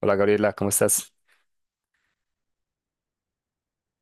Hola Gabriela, ¿cómo estás?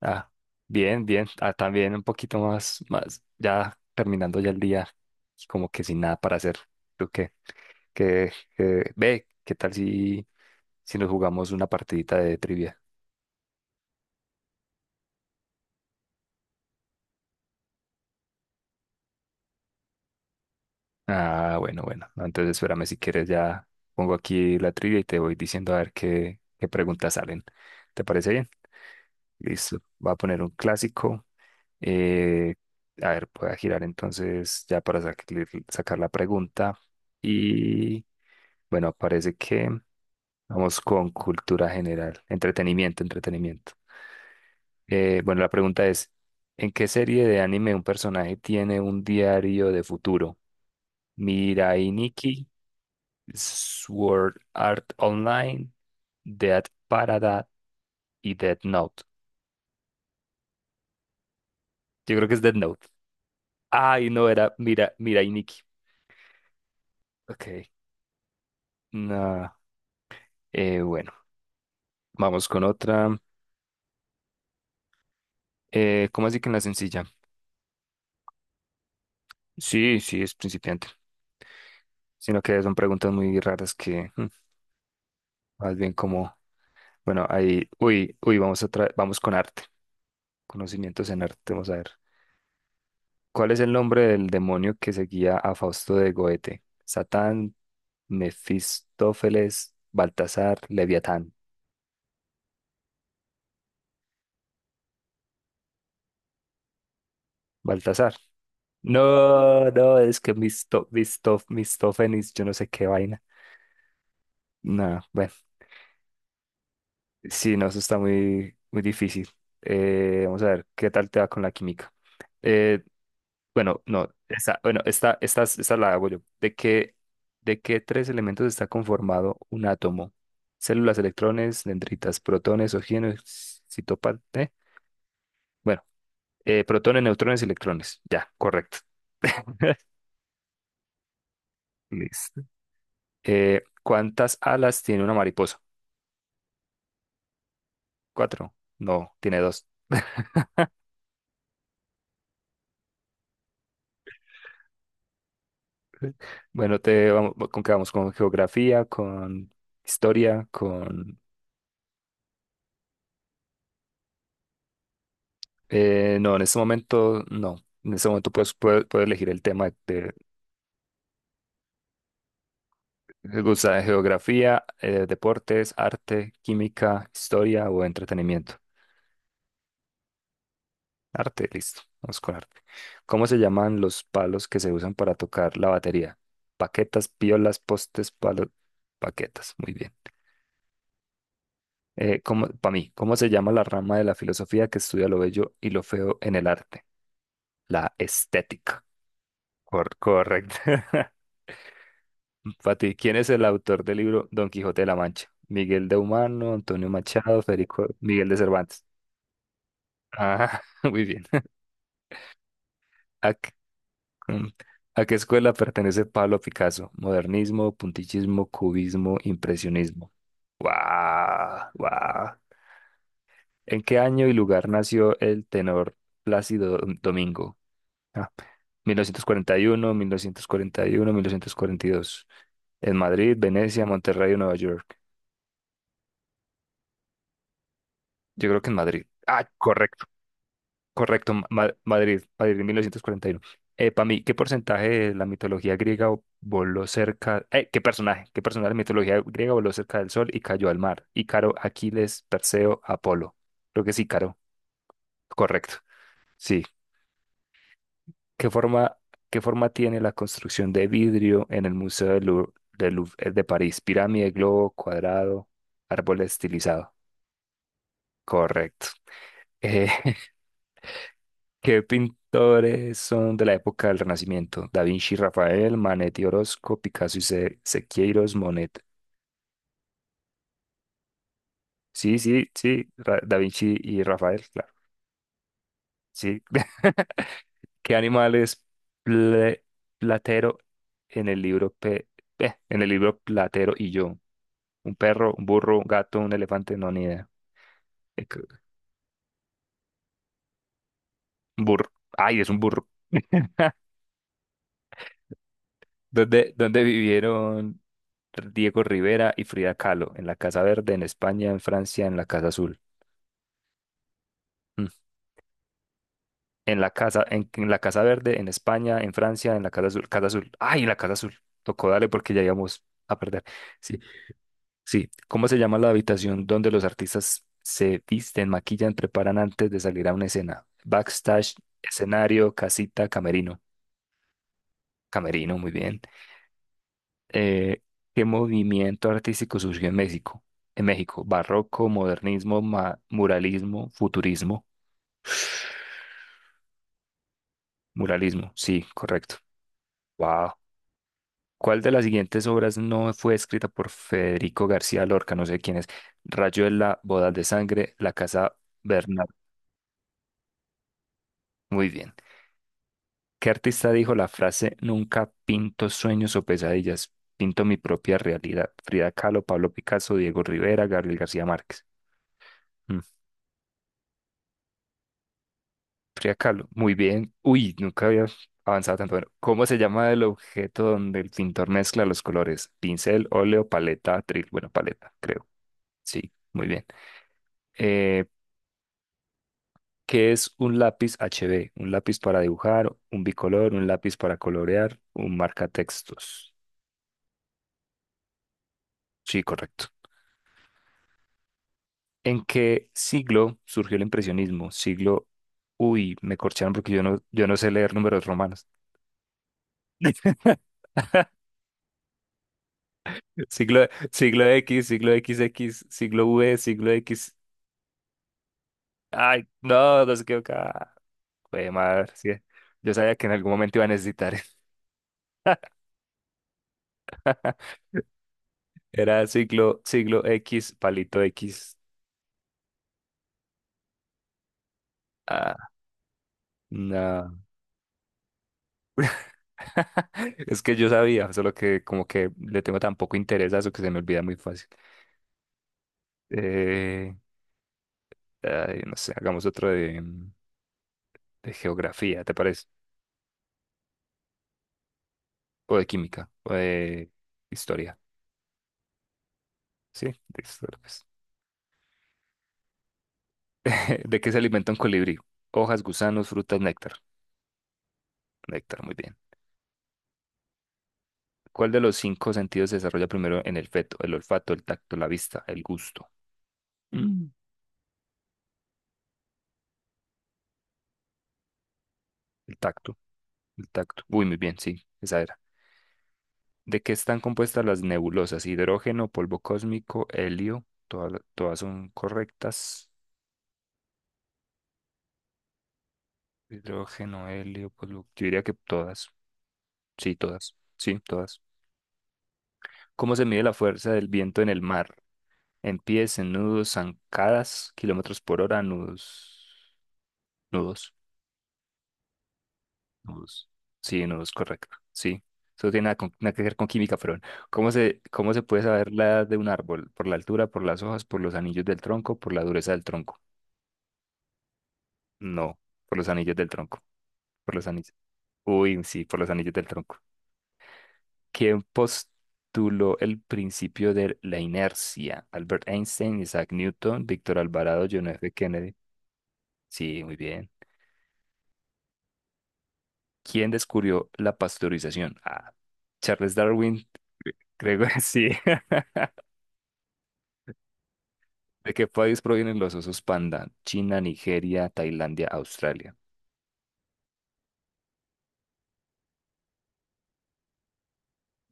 Ah, bien, bien. También un poquito más, ya terminando ya el día, y como que sin nada para hacer. ¿Tú qué? ¿Qué, ¿qué tal si nos jugamos una partidita de trivia? Bueno, bueno. No, entonces espérame si quieres ya pongo aquí la trivia y te voy diciendo a ver qué preguntas salen. ¿Te parece bien? Listo. Voy a poner un clásico. Eh, a ver, voy a girar entonces ya para sacar la pregunta. Y Bueno, parece que vamos con cultura general, entretenimiento, entretenimiento. Bueno, la pregunta es: ¿en qué serie de anime un personaje tiene un diario de futuro? Mirai Nikki, Sword Art Online, Dead Parada y Death Note. Yo creo que es Death Note. Ay, no, era Mirai Nikki. Ok, no. Bueno, vamos con otra. ¿Cómo así que en la sencilla? Sí, sí, es principiante. Sino que son preguntas muy raras que más bien como, bueno, ahí, uy, uy, vamos con arte, conocimientos en arte, vamos a ver. ¿Cuál es el nombre del demonio que seguía a Fausto de Goethe? Satán, Mefistófeles, Baltasar, Leviatán. Baltasar. No, no, es que Mistófenes, yo no sé qué vaina. No, bueno, sí, no, eso está muy, muy difícil. Vamos a ver, ¿qué tal te va con la química? Eh, Bueno, no, esta, bueno, esta la hago yo. ¿De qué tres elementos está conformado un átomo? Células, electrones, dendritas, protones, oxígenos, citopan, ¿eh? Bueno, protones, neutrones y electrones. Ya, correcto. Listo. ¿Cuántas alas tiene una mariposa? Cuatro. No, tiene dos. Bueno, te vamos, ¿con qué vamos? ¿Con geografía? ¿Con historia? ¿Con...? No, en este momento no. En este momento puedes elegir el tema de-. ¿Te gusta geografía, deportes, arte, química, historia o entretenimiento? Arte, listo. Vamos con arte. ¿Cómo se llaman los palos que se usan para tocar la batería? Paquetas, piolas, postes, palos, paquetas. Muy bien. Para mí, ¿cómo se llama la rama de la filosofía que estudia lo bello y lo feo en el arte? La estética. Correcto. Para ti, ¿quién es el autor del libro Don Quijote de la Mancha? Miguel de Humano, Antonio Machado, Federico Miguel de Cervantes. Muy bien. ¿A, qué mm, a qué escuela pertenece Pablo Picasso? Modernismo, puntillismo, cubismo, impresionismo. ¡Guau! ¡Guau! ¿En qué año y lugar nació el tenor Plácido Domingo? Ah, 1941, 1941, 1942. En Madrid, Venecia, Monterrey o Nueva York. Yo creo que en Madrid. Correcto. Correcto, Madrid, Madrid en 1941. Para mí, ¿qué porcentaje de la mitología griega voló cerca? ¿Qué personaje de la mitología griega voló cerca del sol y cayó al mar? Ícaro, Aquiles, Perseo, Apolo. Creo que es Ícaro. Correcto. Sí. ¿Qué forma, qué forma tiene la construcción de vidrio en el Museo del Louvre, de París? Pirámide, globo, cuadrado, árbol estilizado. Correcto. Eh, ¿Qué pintores son de la época del Renacimiento? Da Vinci, Rafael, Manetti, Orozco, Picasso y Sequeiros, Monet. Sí, sí, sí, Da Vinci y Rafael, claro. Sí. ¿Qué animal es ple- Platero en el libro Platero y yo? ¿Un perro, un burro, un gato, un elefante? No, ni idea. Eh, c- Burro. Ay, es un burro. ¿Dónde vivieron Diego Rivera y Frida Kahlo? En la Casa Verde, en España, en Francia, en la Casa Azul. Mm. En la Casa Verde, en España, en Francia, en la Casa Azul, Casa Azul. Ay, en la Casa Azul. Tocó darle porque ya íbamos a perder. Sí, sí. ¿Cómo se llama la habitación donde los artistas se visten, maquillan, preparan antes de salir a una escena? Backstage, escenario, casita, camerino. Camerino, muy bien. Eh, ¿qué movimiento artístico surgió en México? En México, barroco, modernismo, muralismo, futurismo. Muralismo, sí, correcto. Wow. ¿Cuál de las siguientes obras no fue escrita por Federico García Lorca? No sé quién es. Rayuela, Bodas de Sangre, La Casa Bernard. Muy bien. ¿Qué artista dijo la frase "Nunca pinto sueños o pesadillas, pinto mi propia realidad"? Frida Kahlo, Pablo Picasso, Diego Rivera, Gabriel García Márquez. Mm, Frida Kahlo, muy bien. Uy, nunca había avanzado tanto. Bueno, ¿cómo se llama el objeto donde el pintor mezcla los colores? Pincel, óleo, paleta, atril. Bueno, paleta, creo. Sí, muy bien. Eh, ¿Qué es un lápiz HB? Un lápiz para dibujar, un bicolor, un lápiz para colorear, un marcatextos. Sí, correcto. ¿En qué siglo surgió el impresionismo? Siglo... Uy, me corcharon porque yo no sé leer números romanos. Siglo X, siglo XX, siglo V, siglo X. Ay, no, no se equivocaba. Jue madre, sí. Yo sabía que en algún momento iba a necesitar. Era siglo X, palito X. Ah, no. Es que yo sabía, solo que como que le tengo tan poco interés a eso que se me olvida muy fácil. Eh, ay, no sé, hagamos otro de geografía, ¿te parece? O de química, o de historia. Sí, de historia, pues. ¿De qué se alimenta un colibrí? Hojas, gusanos, frutas, néctar. Néctar, muy bien. ¿Cuál de los cinco sentidos se desarrolla primero en el feto? El olfato, el tacto, la vista, el gusto. Mm. El tacto, el tacto. Uy, muy bien, sí, esa era. ¿De qué están compuestas las nebulosas? Hidrógeno, polvo cósmico, helio. Todas, todas son correctas. Hidrógeno, helio, polvo. Yo diría que todas. Sí, todas. Sí, todas. ¿Cómo se mide la fuerza del viento en el mar? En pies, en nudos, zancadas, kilómetros por hora, nudos. Nudos. Nudos. Sí, nudos, correcto. Sí. Eso tiene nada que ver con química, pero bueno. ¿Cómo se puede saber la edad de un árbol? Por la altura, por las hojas, por los anillos del tronco, por la dureza del tronco. No, por los anillos del tronco. Por los anillos. Uy, sí, por los anillos del tronco. ¿Quién postuló el principio de la inercia? Albert Einstein, Isaac Newton, Víctor Alvarado, John F. Kennedy. Sí, muy bien. ¿Quién descubrió la pasteurización? Charles Darwin. Creo que sí. ¿De qué país provienen los osos panda? China, Nigeria, Tailandia, Australia.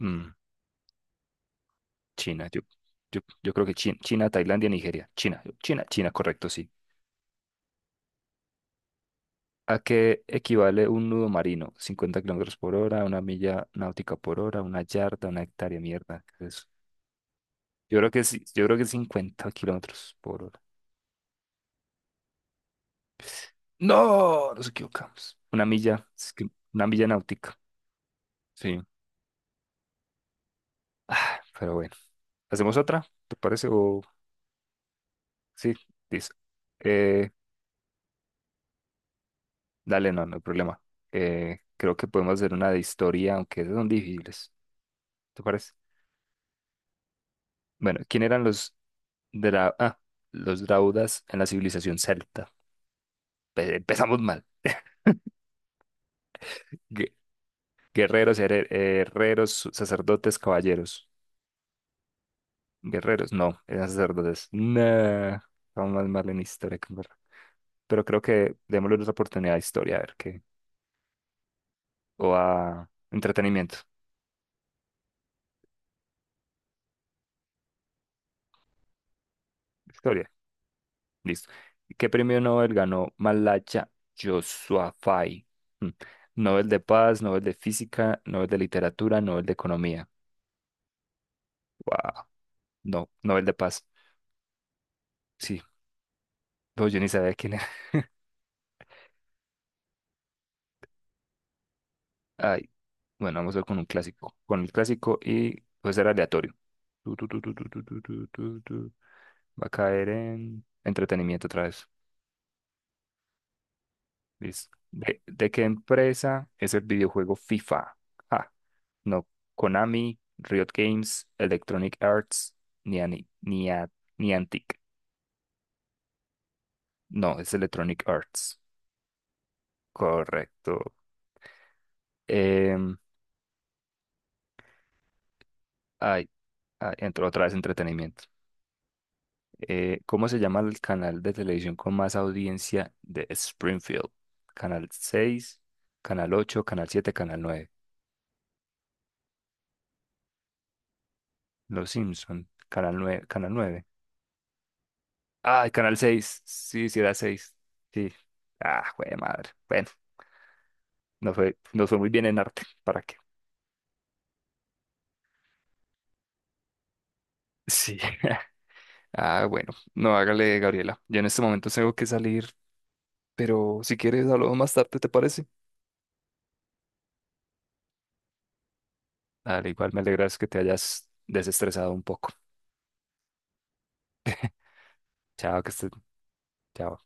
Mm, China, yo creo que China, China, Tailandia, Nigeria. China, China, China, correcto, sí. ¿A qué equivale un nudo marino? 50 kilómetros por hora, una milla náutica por hora, una yarda, una hectárea, mierda. ¿Qué es eso? Yo creo que sí, yo creo que 50 kilómetros por hora. No, nos equivocamos. Una milla, es que una milla náutica. Sí. Pero bueno, ¿hacemos otra? ¿Te parece? O sí, dice. Eh, dale, no, no hay problema. Creo que podemos hacer una de historia, aunque esas son difíciles. ¿Te parece? Bueno, ¿quién eran dra- ah, los draudas en la civilización celta? Empezamos mal. Gue- Guerreros, herreros, sacerdotes, caballeros. Guerreros, no, eran sacerdotes. Nah, vamos más mal en historia que en verdad. Pero creo que démosle otra oportunidad a historia, a ver qué. O a entretenimiento. Historia, listo. ¿Qué premio Nobel ganó Malacha Yousafzai? Hmm. Nobel de Paz, Nobel de Física, Nobel de Literatura, Nobel de Economía. Wow, no, Nobel de Paz. Sí, no, yo ni sabía quién. Ay, bueno, vamos a ver con un clásico. Con el clásico y puede ser aleatorio. Tu, tu, tu, tu, tu, tu, tu, tu, tu, tu. Va a caer en entretenimiento otra vez. Listo. ¿De qué empresa es el videojuego FIFA? Ah, no. Konami, Riot Games, Electronic Arts, ni, ani- ni, a- ni Antic. No, es Electronic Arts. Correcto. Em, ay, ay, entró otra vez entretenimiento. ¿Cómo se llama el canal de televisión con más audiencia de Springfield? Canal 6, Canal 8, Canal 7, Canal 9. Los Simpson, Canal 9. Canal 9. Ay, Canal 6. Sí, sí era 6. Sí. Güey, madre. Bueno, no fue muy bien en arte. ¿Para qué? Sí. Bueno. No, hágale, Gabriela. Yo en este momento tengo que salir, pero si quieres, hablamos más tarde, ¿te parece? Dale, igual me alegras que te hayas desestresado un poco. Chao, que estés. Chao.